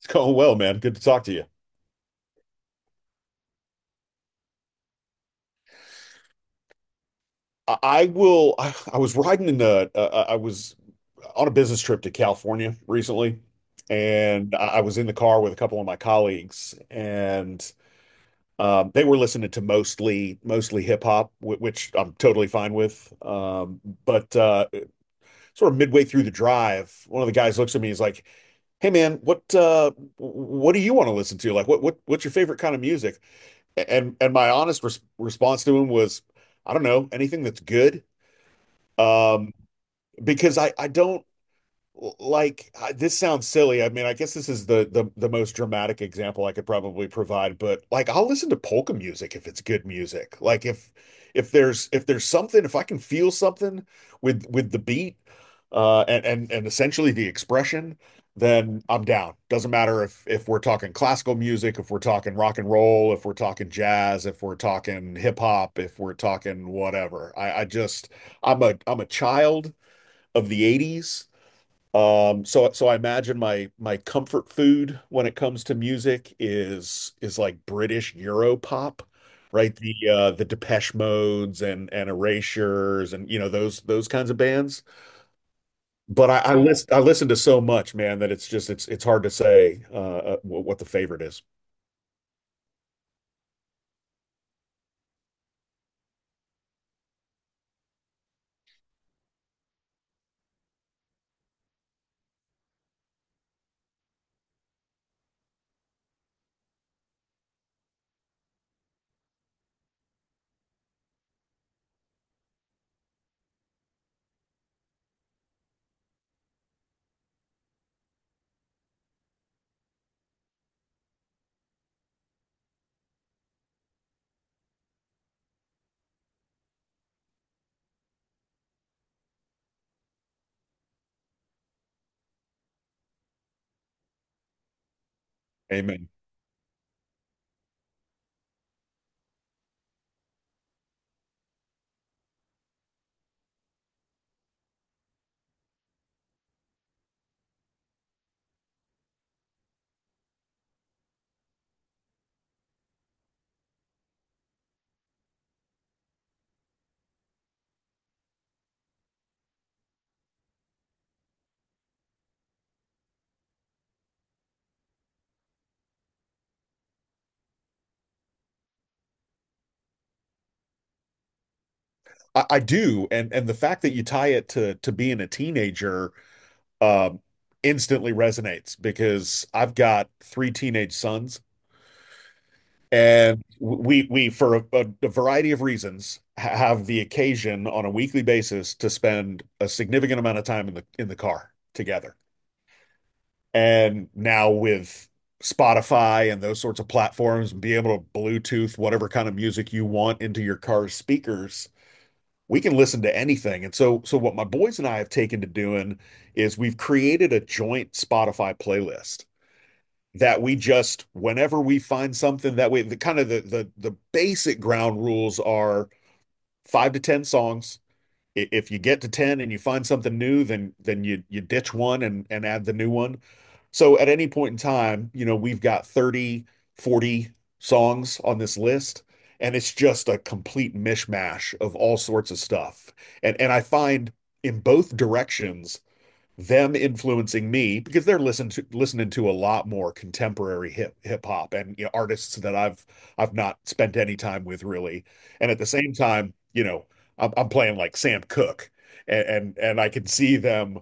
It's going well, man. Good to talk to you. I will. I was riding in the. I was on a business trip to California recently, and I was in the car with a couple of my colleagues, and they were listening to mostly hip hop, which I'm totally fine with. But sort of midway through the drive, one of the guys looks at me. He's like, "Hey, man, what do you want to listen to? Like, what's your favorite kind of music?" And my honest response to him was, I don't know, anything that's good. Um, because I don't like, this sounds silly. I mean, I guess this is the most dramatic example I could probably provide, but like I'll listen to polka music if it's good music. Like if there's something, if I can feel something with the beat and essentially the expression, then I'm down. Doesn't matter if we're talking classical music, if we're talking rock and roll, if we're talking jazz, if we're talking hip hop, if we're talking whatever. I just I'm a child of the 80s. So I imagine my comfort food when it comes to music is like British Euro pop, right? The Depeche Modes and Erasures, and those kinds of bands. But I listen to so much, man, that it's just it's hard to say what the favorite is. Amen. I do, and the fact that you tie it to being a teenager um instantly resonates because I've got three teenage sons. And we for variety of reasons have the occasion on a weekly basis to spend a significant amount of time in the car together. And now with Spotify and those sorts of platforms, be able to Bluetooth whatever kind of music you want into your car's speakers, we can listen to anything. And so what my boys and I have taken to doing is we've created a joint Spotify playlist that we just whenever we find something, that we the kind of the basic ground rules are five to ten songs. If you get to ten and you find something new, then you ditch one and add the new one. So at any point in time, we've got 30, 40 songs on this list, and it's just a complete mishmash of all sorts of stuff. And I find, in both directions, them influencing me because they're listening to a lot more contemporary hip hop and, artists that I've not spent any time with really. And at the same time, I'm playing like Sam Cooke, and I can see them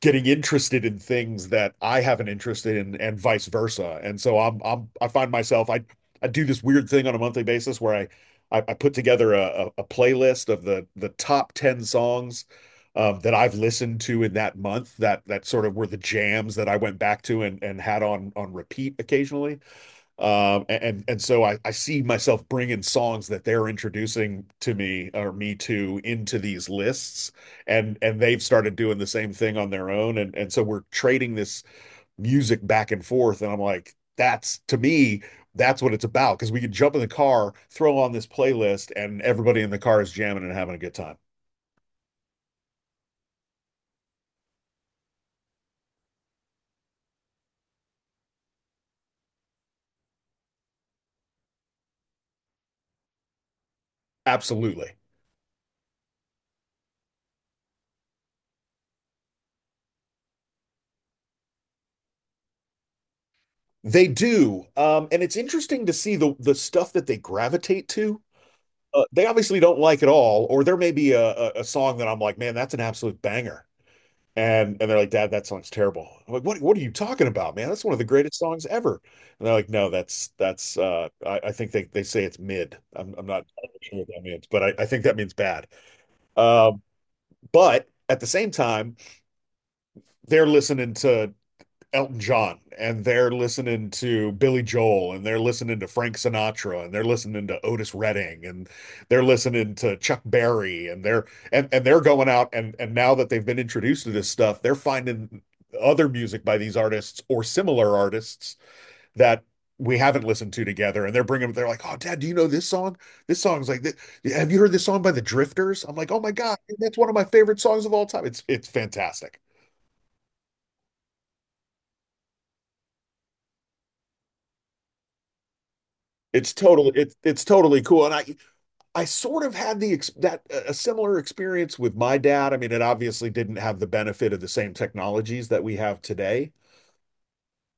getting interested in things that I haven't interested in and vice versa. And so I find myself. I do this weird thing on a monthly basis where I put together a playlist of the top 10 songs that I've listened to in that month, that sort of were the jams that I went back to and had on repeat occasionally. And so I see myself bringing songs that they're introducing to me or me to into these lists, and they've started doing the same thing on their own, and so we're trading this music back and forth, and I'm like, that's, to me, that's what it's about, because we can jump in the car, throw on this playlist, and everybody in the car is jamming and having a good time. Absolutely, they do. And it's interesting to see the stuff that they gravitate to. They obviously don't like it all, or there may be a song that I'm like, man, that's an absolute banger. And they're like, "Dad, that song's terrible." I'm like, what are you talking about, man? That's one of the greatest songs ever. And they're like, no, that's I think they say it's mid. I'm not sure what that means, but I think that means bad. Um, but at the same time, they're listening to Elton John and they're listening to Billy Joel and they're listening to Frank Sinatra and they're listening to Otis Redding and they're listening to Chuck Berry and they're going out, and now that they've been introduced to this stuff, they're finding other music by these artists or similar artists that we haven't listened to together, and they're like, "Oh, Dad, do you know this song? This song's like this. Have you heard this song by the Drifters?" I'm like, "Oh my God, that's one of my favorite songs of all time." It's fantastic. It's totally cool. And I sort of had the ex- that a similar experience with my dad. I mean, it obviously didn't have the benefit of the same technologies that we have today.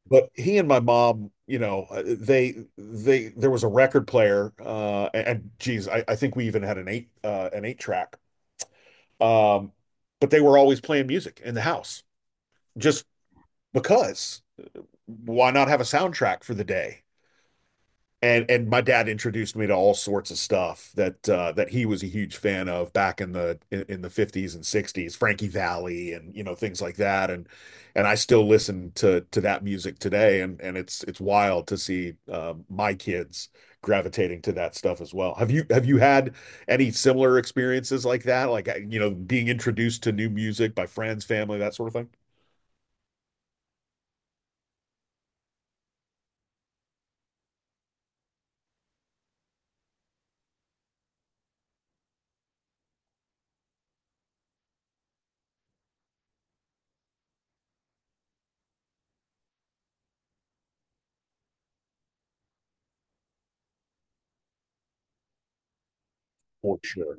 But he and my mom, you know, they there was a record player, and geez, I think we even had an eight track. Um, but they were always playing music in the house, just because. Why not have a soundtrack for the day? And my dad introduced me to all sorts of stuff that that he was a huge fan of back in the 50s and 60s, Frankie Valli and, things like that, and I still listen to that music today, and it's wild to see my kids gravitating to that stuff as well. Have you had any similar experiences like that? Like being introduced to new music by friends, family, that sort of thing? For sure.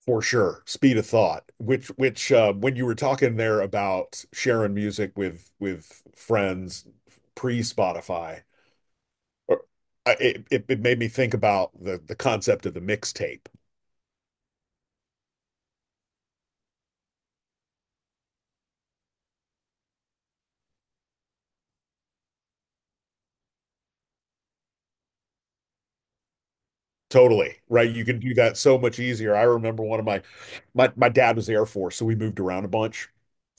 For sure, speed of thought. When you were talking there about sharing music with friends pre-Spotify, or- it made me think about the concept of the mixtape. Totally, right? You can do that so much easier. I remember one of my my my dad was the Air Force, so we moved around a bunch,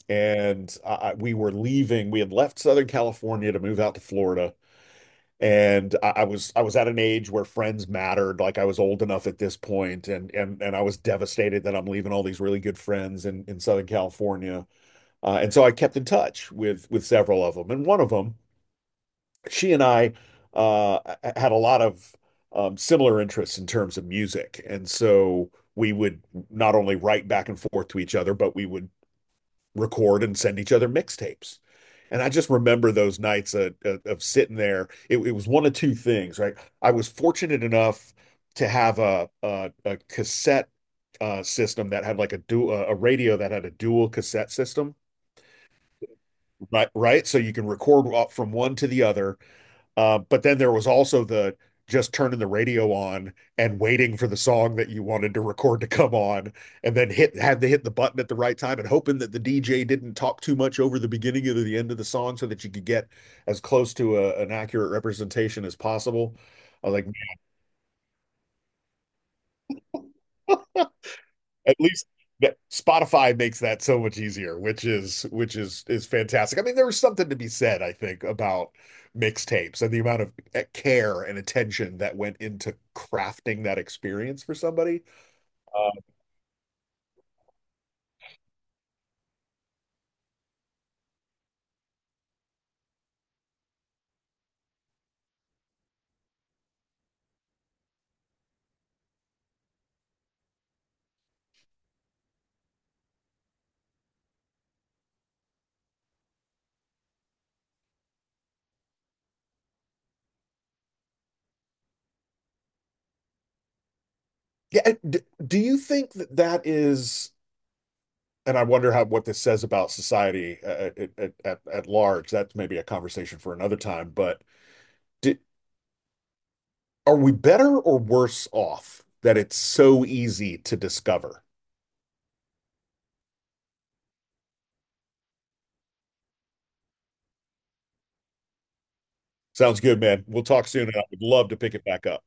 and we were leaving. We had left Southern California to move out to Florida, and I was at an age where friends mattered. Like I was old enough at this point, and I was devastated that I'm leaving all these really good friends in Southern California. And so I kept in touch with several of them, and one of them, she and I uh, had a lot of similar interests in terms of music, and so. We would not only write back and forth to each other, but we would record and send each other mixtapes. And I just remember those nights of sitting there. It was one of two things, right? I was fortunate enough to have a cassette system that had like a radio that had a dual cassette system, right? Right, so you can record off from one to the other, but then there was also the just turning the radio on and waiting for the song that you wanted to record to come on, and then hit had to hit the button at the right time, and hoping that the DJ didn't talk too much over the beginning or the end of the song so that you could get as close to an accurate representation as possible. I was like, at least that Spotify makes that so much easier, which is fantastic. I mean, there is something to be said, I think, about mixtapes and the amount of care and attention that went into crafting that experience for somebody. Uh, yeah, d- do you think that is? And I wonder how, what this says about society at large. That's maybe a conversation for another time. But did, are we better or worse off that it's so easy to discover? Sounds good, man. We'll talk soon, and I would love to pick it back up.